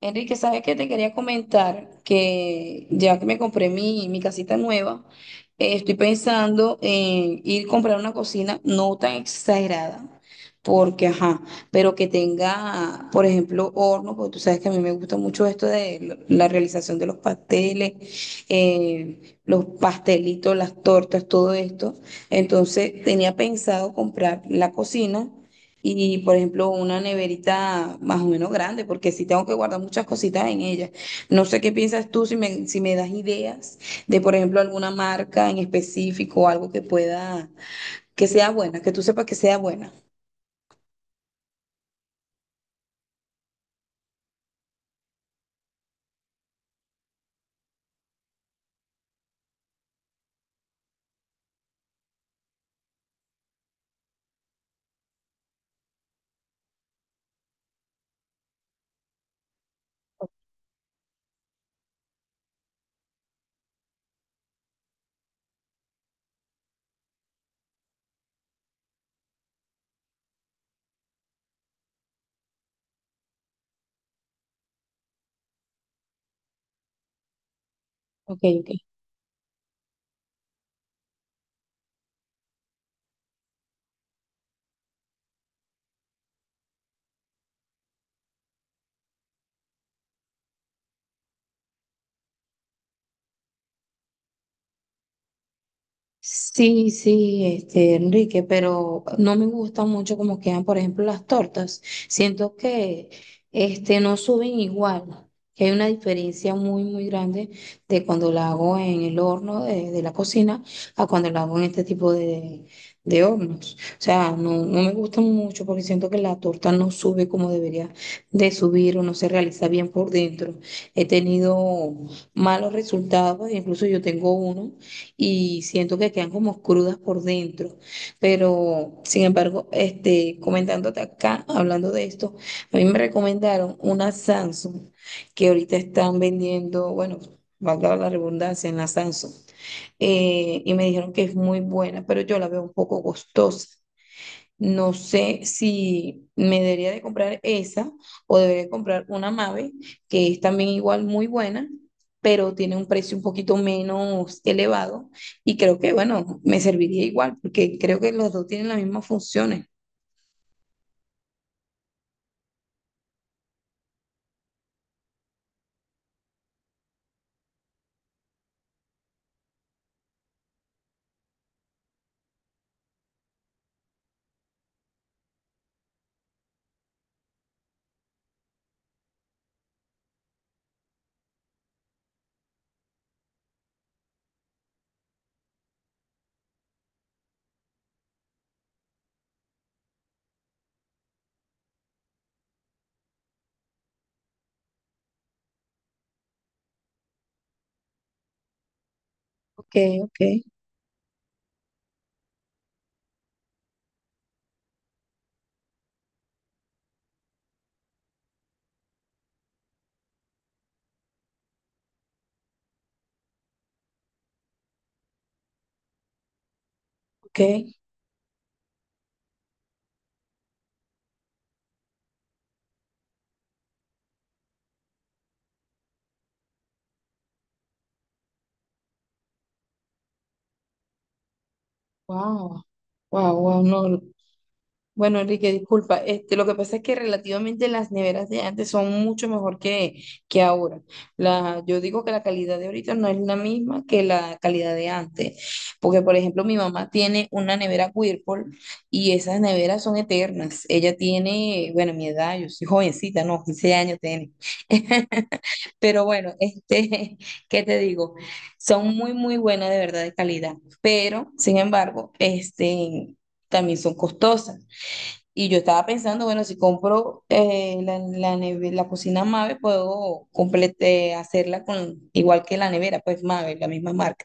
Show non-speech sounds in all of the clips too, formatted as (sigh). Enrique, ¿sabes qué? Te quería comentar que ya que me compré mi casita nueva, estoy pensando en ir a comprar una cocina no tan exagerada, porque, ajá, pero que tenga, por ejemplo, horno, porque tú sabes que a mí me gusta mucho esto de la realización de los pasteles, eh, los pastelitos, las tortas, todo esto. Entonces, tenía pensado comprar la cocina y, por ejemplo, una neverita más o menos grande, porque sí tengo que guardar muchas cositas en ella. No sé qué piensas tú, si me das ideas de, por ejemplo, alguna marca en específico, algo que pueda, que sea buena, que tú sepas que sea buena. Ok, ok. Sí, sí, este, Enrique, pero no me gusta mucho como quedan, por ejemplo, las tortas. Siento que este, no suben igual, que hay una diferencia muy, muy grande de cuando la hago en el horno de la cocina a cuando la hago en este tipo de hornos. O sea, no me gusta mucho porque siento que la torta no sube como debería de subir o no se realiza bien por dentro. He tenido malos resultados, incluso yo tengo uno y siento que quedan como crudas por dentro. Pero, sin embargo, este, comentándote acá, hablando de esto, a mí me recomendaron una Samsung que ahorita están vendiendo, bueno, valga la redundancia, en la Samsung. Y me dijeron que es muy buena, pero yo la veo un poco costosa. No sé si me debería de comprar esa o debería comprar una Mave, que es también igual muy buena, pero tiene un precio un poquito menos elevado y creo que, bueno, me serviría igual porque creo que los dos tienen las mismas funciones. Ok, ok, ok. Wow, wow, wow, no. Bueno, Enrique, disculpa, este, lo que pasa es que relativamente las neveras de antes son mucho mejor que ahora. La, yo digo que la calidad de ahorita no es la misma que la calidad de antes, porque por ejemplo mi mamá tiene una nevera Whirlpool y esas neveras son eternas. Ella tiene, bueno, mi edad, yo soy jovencita, no, 15 años tiene. (laughs) Pero bueno, este, (laughs) ¿qué te digo? Son muy, muy buenas de verdad de calidad, pero sin embargo, este... También son costosas. Y yo estaba pensando, bueno, si compro la cocina Mave, puedo complete, hacerla con igual que la nevera, pues Mave, la misma marca.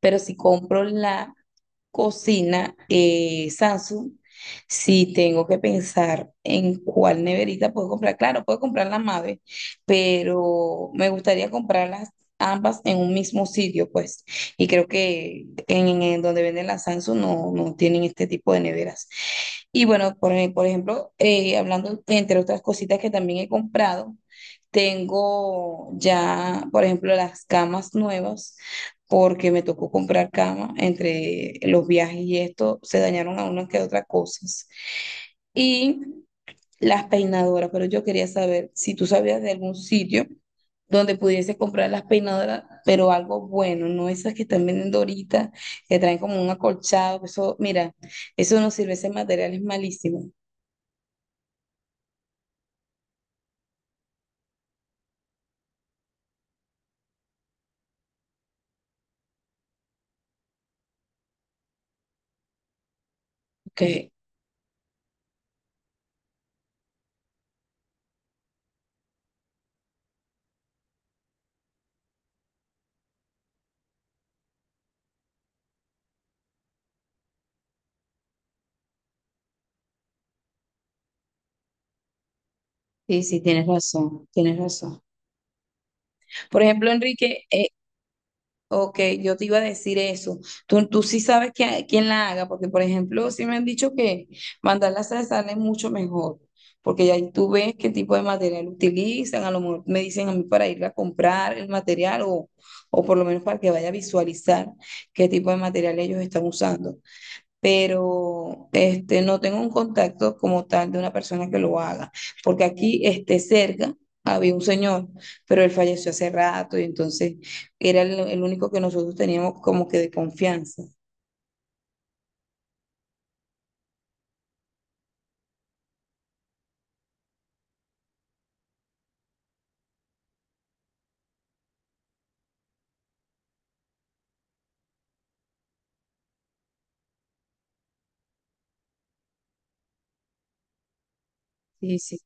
Pero si compro la cocina Samsung, si tengo que pensar en cuál neverita puedo comprar, claro, puedo comprar la madre, pero me gustaría comprarlas ambas en un mismo sitio, pues. Y creo que en donde venden las Samsung no, no tienen este tipo de neveras. Y bueno, por ejemplo, hablando entre otras cositas que también he comprado, tengo ya, por ejemplo, las camas nuevas porque me tocó comprar cama entre los viajes y esto, se dañaron a unas que otras cosas. Y las peinadoras, pero yo quería saber si tú sabías de algún sitio donde pudiese comprar las peinadoras, pero algo bueno, no esas que están vendiendo ahorita, que traen como un acolchado, que eso, mira, eso no sirve, ese material es malísimo. Ok, sí, sí, tienes razón, tienes razón. Por ejemplo, Enrique, ok, yo te iba a decir eso. Tú sí sabes que, quién la haga, porque por ejemplo, sí me han dicho que mandar las sal sale mucho mejor, porque ya ahí tú ves qué tipo de material utilizan, a lo mejor me dicen a mí para ir a comprar el material o por lo menos para que vaya a visualizar qué tipo de material ellos están usando pero este, no tengo un contacto como tal de una persona que lo haga, porque aquí este, cerca había un señor, pero él falleció hace rato y entonces era el único que nosotros teníamos como que de confianza. Sí, sí.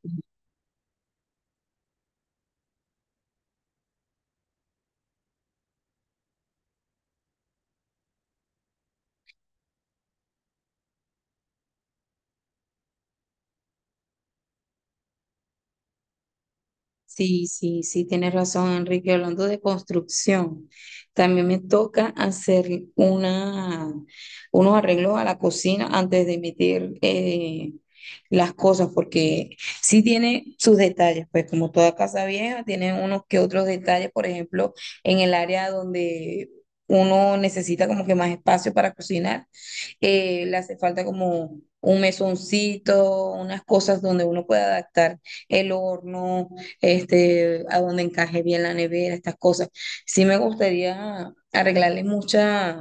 Sí, sí, sí, tienes razón, Enrique. Hablando de construcción, también me toca hacer una, unos arreglos a la cocina antes de meter las cosas, porque sí tiene sus detalles, pues como toda casa vieja, tiene unos que otros detalles, por ejemplo, en el área donde uno necesita como que más espacio para cocinar, le hace falta como un mesoncito, unas cosas donde uno pueda adaptar el horno este, a donde encaje bien la nevera, estas cosas. Sí me gustaría arreglarle muchas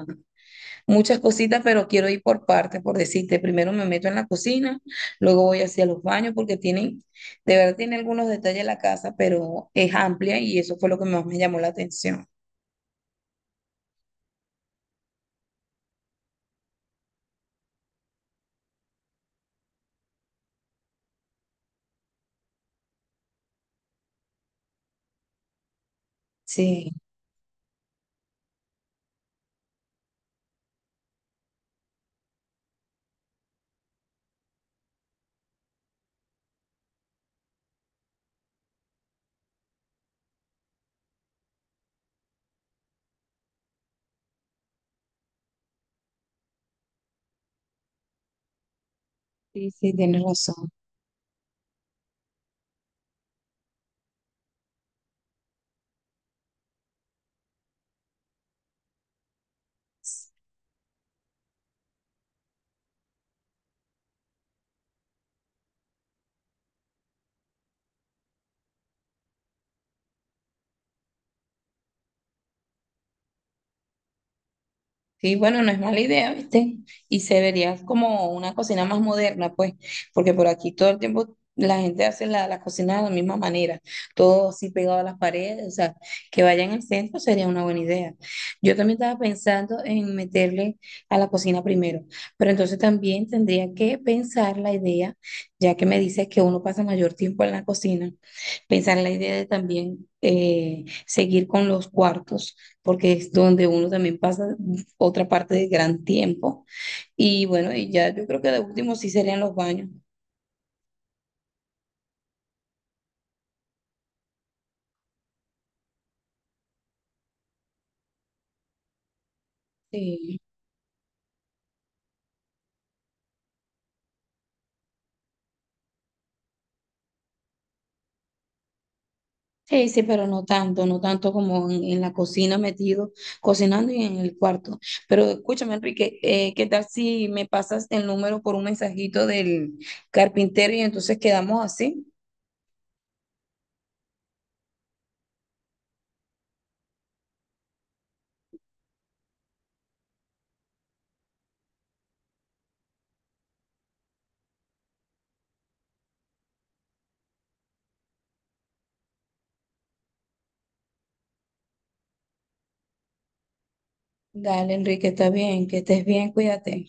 muchas cositas, pero quiero ir por partes, por decirte, primero me meto en la cocina, luego voy hacia los baños porque tienen, de verdad tiene algunos detalles la casa, pero es amplia y eso fue lo que más me llamó la atención. Sí, sí, sí, tienes razón. Sí, bueno, no es mala idea, ¿viste? Y se vería como una cocina más moderna, pues, porque por aquí todo el tiempo la gente hace la cocina de la misma manera, todo así pegado a las paredes, o sea, que vaya en el centro sería una buena idea. Yo también estaba pensando en meterle a la cocina primero, pero entonces también tendría que pensar la idea, ya que me dices que uno pasa mayor tiempo en la cocina, pensar en la idea de también seguir con los cuartos, porque es donde uno también pasa otra parte de gran tiempo. Y bueno, y ya yo creo que de último sí serían los baños. Sí, sí, sí, pero no tanto, no tanto como en la cocina metido, cocinando y en el cuarto. Pero escúchame, Enrique, ¿qué tal si me pasas el número por un mensajito del carpintero y entonces quedamos así? Dale, Enrique, está bien, que estés bien, cuídate.